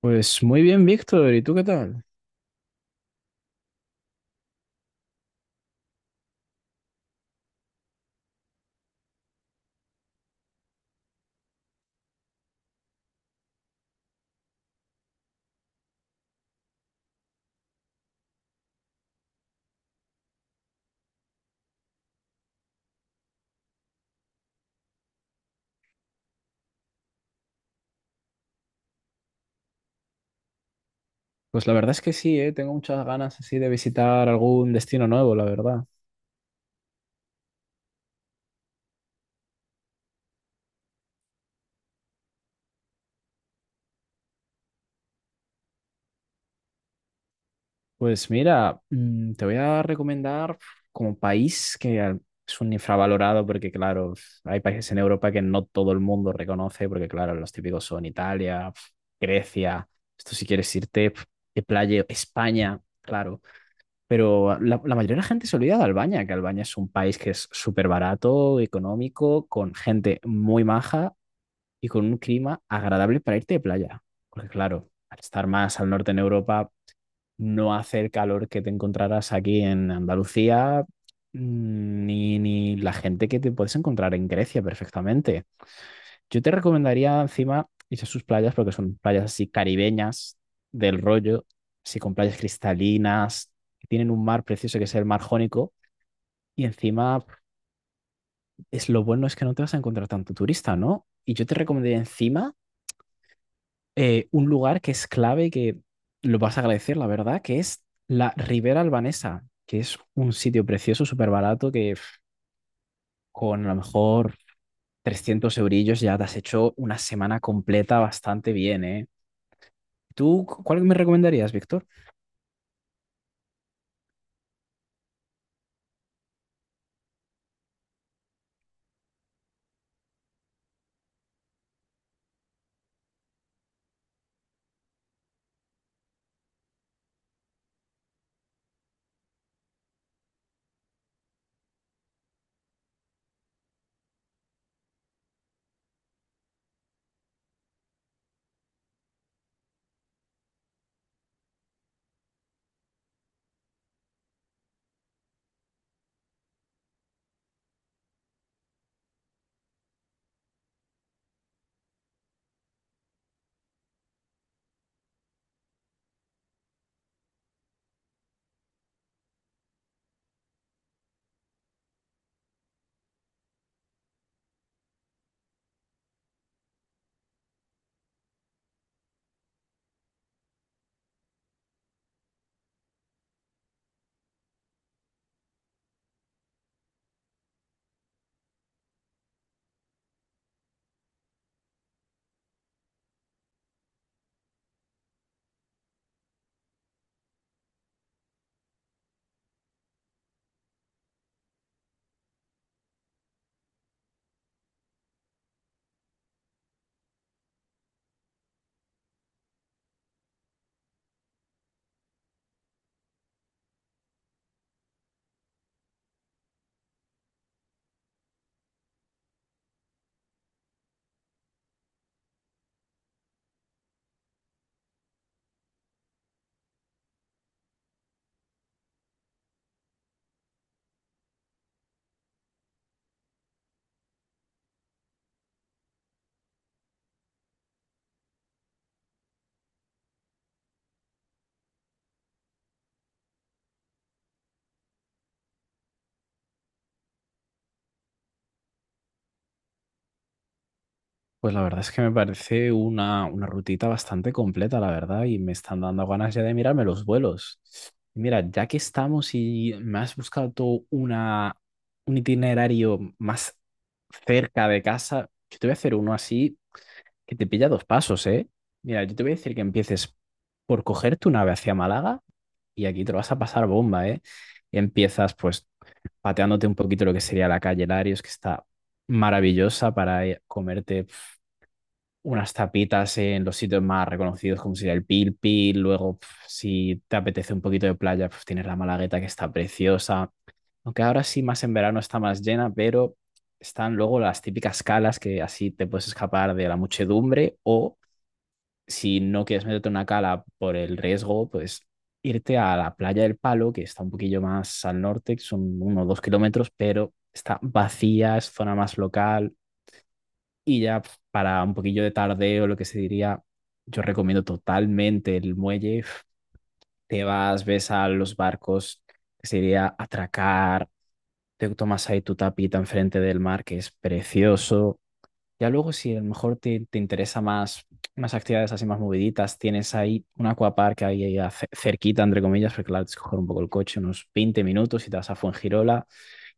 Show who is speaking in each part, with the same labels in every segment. Speaker 1: Pues muy bien, Víctor. ¿Y tú qué tal? Pues la verdad es que sí, ¿eh? Tengo muchas ganas así de visitar algún destino nuevo, la verdad. Pues mira, te voy a recomendar como país que es un infravalorado, porque claro, hay países en Europa que no todo el mundo reconoce, porque claro, los típicos son Italia, Grecia. Esto si quieres irte de playa, España, claro. Pero la mayoría de la gente se olvida de Albania, que Albania es un país que es súper barato, económico, con gente muy maja y con un clima agradable para irte de playa. Porque claro, al estar más al norte en Europa, no hace el calor que te encontrarás aquí en Andalucía, ni la gente que te puedes encontrar en Grecia perfectamente. Yo te recomendaría encima ir a sus playas, porque son playas así caribeñas del rollo, así con playas cristalinas, que tienen un mar precioso que es el mar Jónico. Y encima, lo bueno es que no te vas a encontrar tanto turista, ¿no? Y yo te recomendaría encima un lugar que es clave, que lo vas a agradecer, la verdad, que es la Ribera Albanesa, que es un sitio precioso, súper barato, que pf, con a lo mejor 300 eurillos ya te has hecho una semana completa bastante bien, ¿eh? ¿Tú cuál me recomendarías, Víctor? Pues la verdad es que me parece una rutita bastante completa, la verdad, y me están dando ganas ya de mirarme los vuelos. Mira, ya que estamos y me has buscado tú un itinerario más cerca de casa, yo te voy a hacer uno así que te pilla dos pasos, ¿eh? Mira, yo te voy a decir que empieces por coger tu nave hacia Málaga y aquí te lo vas a pasar bomba, ¿eh? Y empiezas pues pateándote un poquito lo que sería la calle Larios, que está maravillosa para comerte unas tapitas en los sitios más reconocidos, como sería el Pil Pil. Luego, pf, si te apetece un poquito de playa, pues tienes la Malagueta, que está preciosa. Aunque ahora sí, más en verano, está más llena, pero están luego las típicas calas que así te puedes escapar de la muchedumbre. O si no quieres meterte en una cala por el riesgo, pues irte a la playa del Palo, que está un poquillo más al norte, que son unos 2 km, pero está vacía, es zona más local, y ya pf, para un poquillo de tardeo, lo que se diría, yo recomiendo totalmente el muelle. Pf, te vas, ves a los barcos, que se diría atracar, te tomas ahí tu tapita enfrente del mar, que es precioso. Ya luego, si a lo mejor te interesa más, más actividades así más moviditas, tienes ahí un aquapark ahí, ahí cerquita, entre comillas, porque claro, tienes que coger un poco el coche, unos 20 minutos, y te vas a Fuengirola.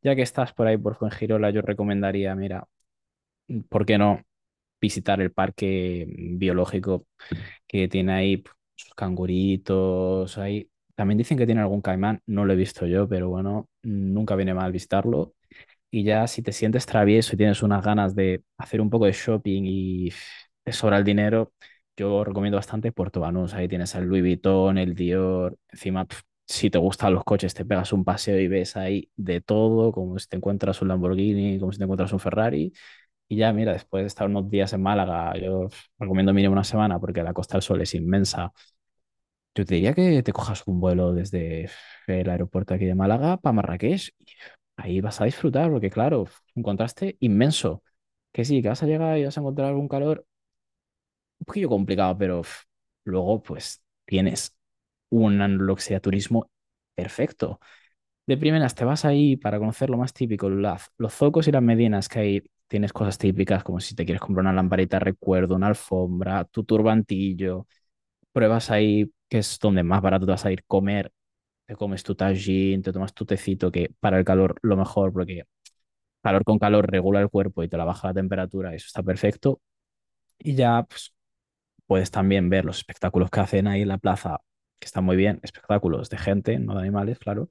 Speaker 1: Ya que estás por ahí por Fuengirola, yo recomendaría, mira, ¿por qué no visitar el parque biológico que tiene ahí pues sus canguritos ahí? También dicen que tiene algún caimán, no lo he visto yo, pero bueno, nunca viene mal visitarlo. Y ya si te sientes travieso y tienes unas ganas de hacer un poco de shopping y te sobra el dinero, yo recomiendo bastante Puerto Banús. Ahí tienes el Louis Vuitton, el Dior. Encima, pf, si te gustan los coches, te pegas un paseo y ves ahí de todo, como si te encuentras un Lamborghini, como si te encuentras un Ferrari. Y ya, mira, después de estar unos días en Málaga, yo pf, recomiendo mínimo una semana, porque la Costa del Sol es inmensa. Yo te diría que te cojas un vuelo desde pf, el aeropuerto aquí de Málaga para Marrakech, y ahí vas a disfrutar porque, claro, es un contraste inmenso. Que sí, que vas a llegar y vas a encontrar algún calor un poquillo complicado, pero pf, luego pues tienes un luxia turismo perfecto. De primeras te vas ahí para conocer lo más típico, los zocos y las medinas que hay. Tienes cosas típicas, como si te quieres comprar una lamparita de recuerdo, una alfombra, tu turbantillo. Pruebas ahí, que es donde más barato te vas a ir comer. Te comes tu tajín, te tomas tu tecito, que para el calor lo mejor, porque calor con calor regula el cuerpo y te la baja la temperatura, eso está perfecto. Y ya pues, puedes también ver los espectáculos que hacen ahí en la plaza, que están muy bien, espectáculos de gente, no de animales, claro.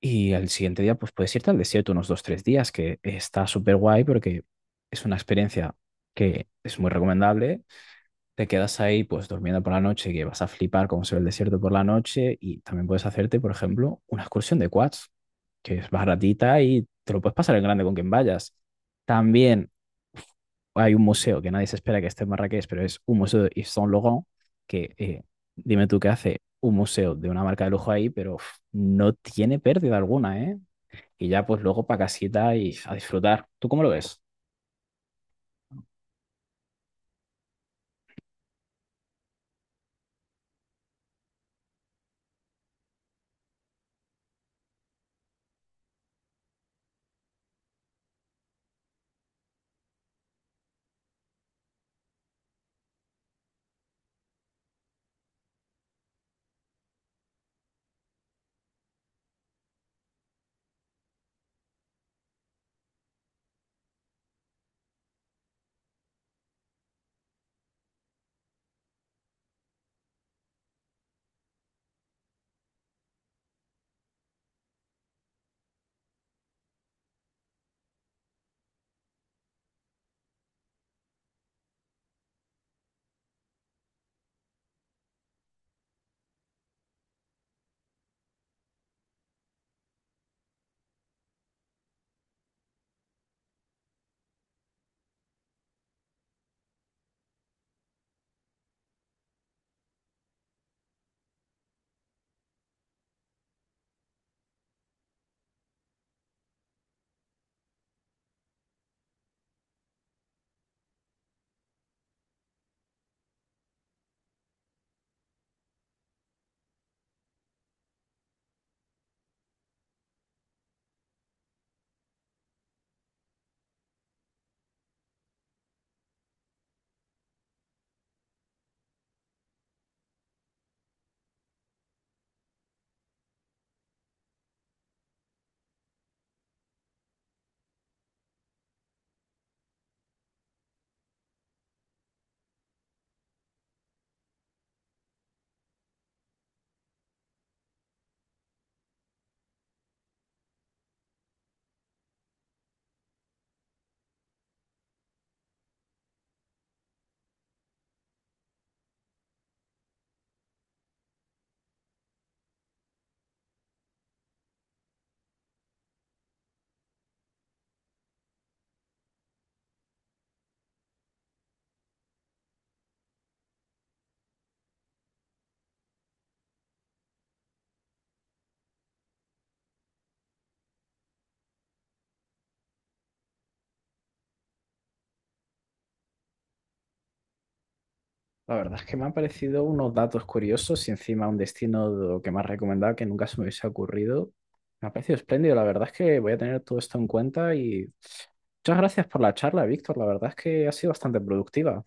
Speaker 1: Y al siguiente día, pues puedes irte al desierto unos dos, tres días, que está súper guay porque es una experiencia que es muy recomendable. Te quedas ahí pues durmiendo por la noche, que vas a flipar cómo se ve el desierto por la noche, y también puedes hacerte, por ejemplo, una excursión de quads, que es baratita y te lo puedes pasar en grande con quien vayas. También hay un museo que nadie se espera que esté en Marrakech, pero es un museo de Yves Saint Laurent, que dime tú qué hace un museo de una marca de lujo ahí, pero uf, no tiene pérdida alguna, ¿eh? Y ya pues luego para casita y a disfrutar. ¿Tú cómo lo ves? La verdad es que me han parecido unos datos curiosos y encima un destino de lo que me has recomendado que nunca se me hubiese ocurrido. Me ha parecido espléndido. La verdad es que voy a tener todo esto en cuenta y muchas gracias por la charla, Víctor. La verdad es que ha sido bastante productiva.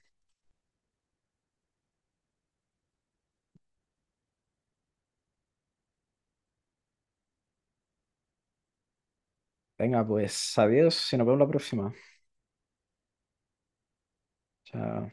Speaker 1: Venga, pues adiós y nos vemos la próxima. Chao.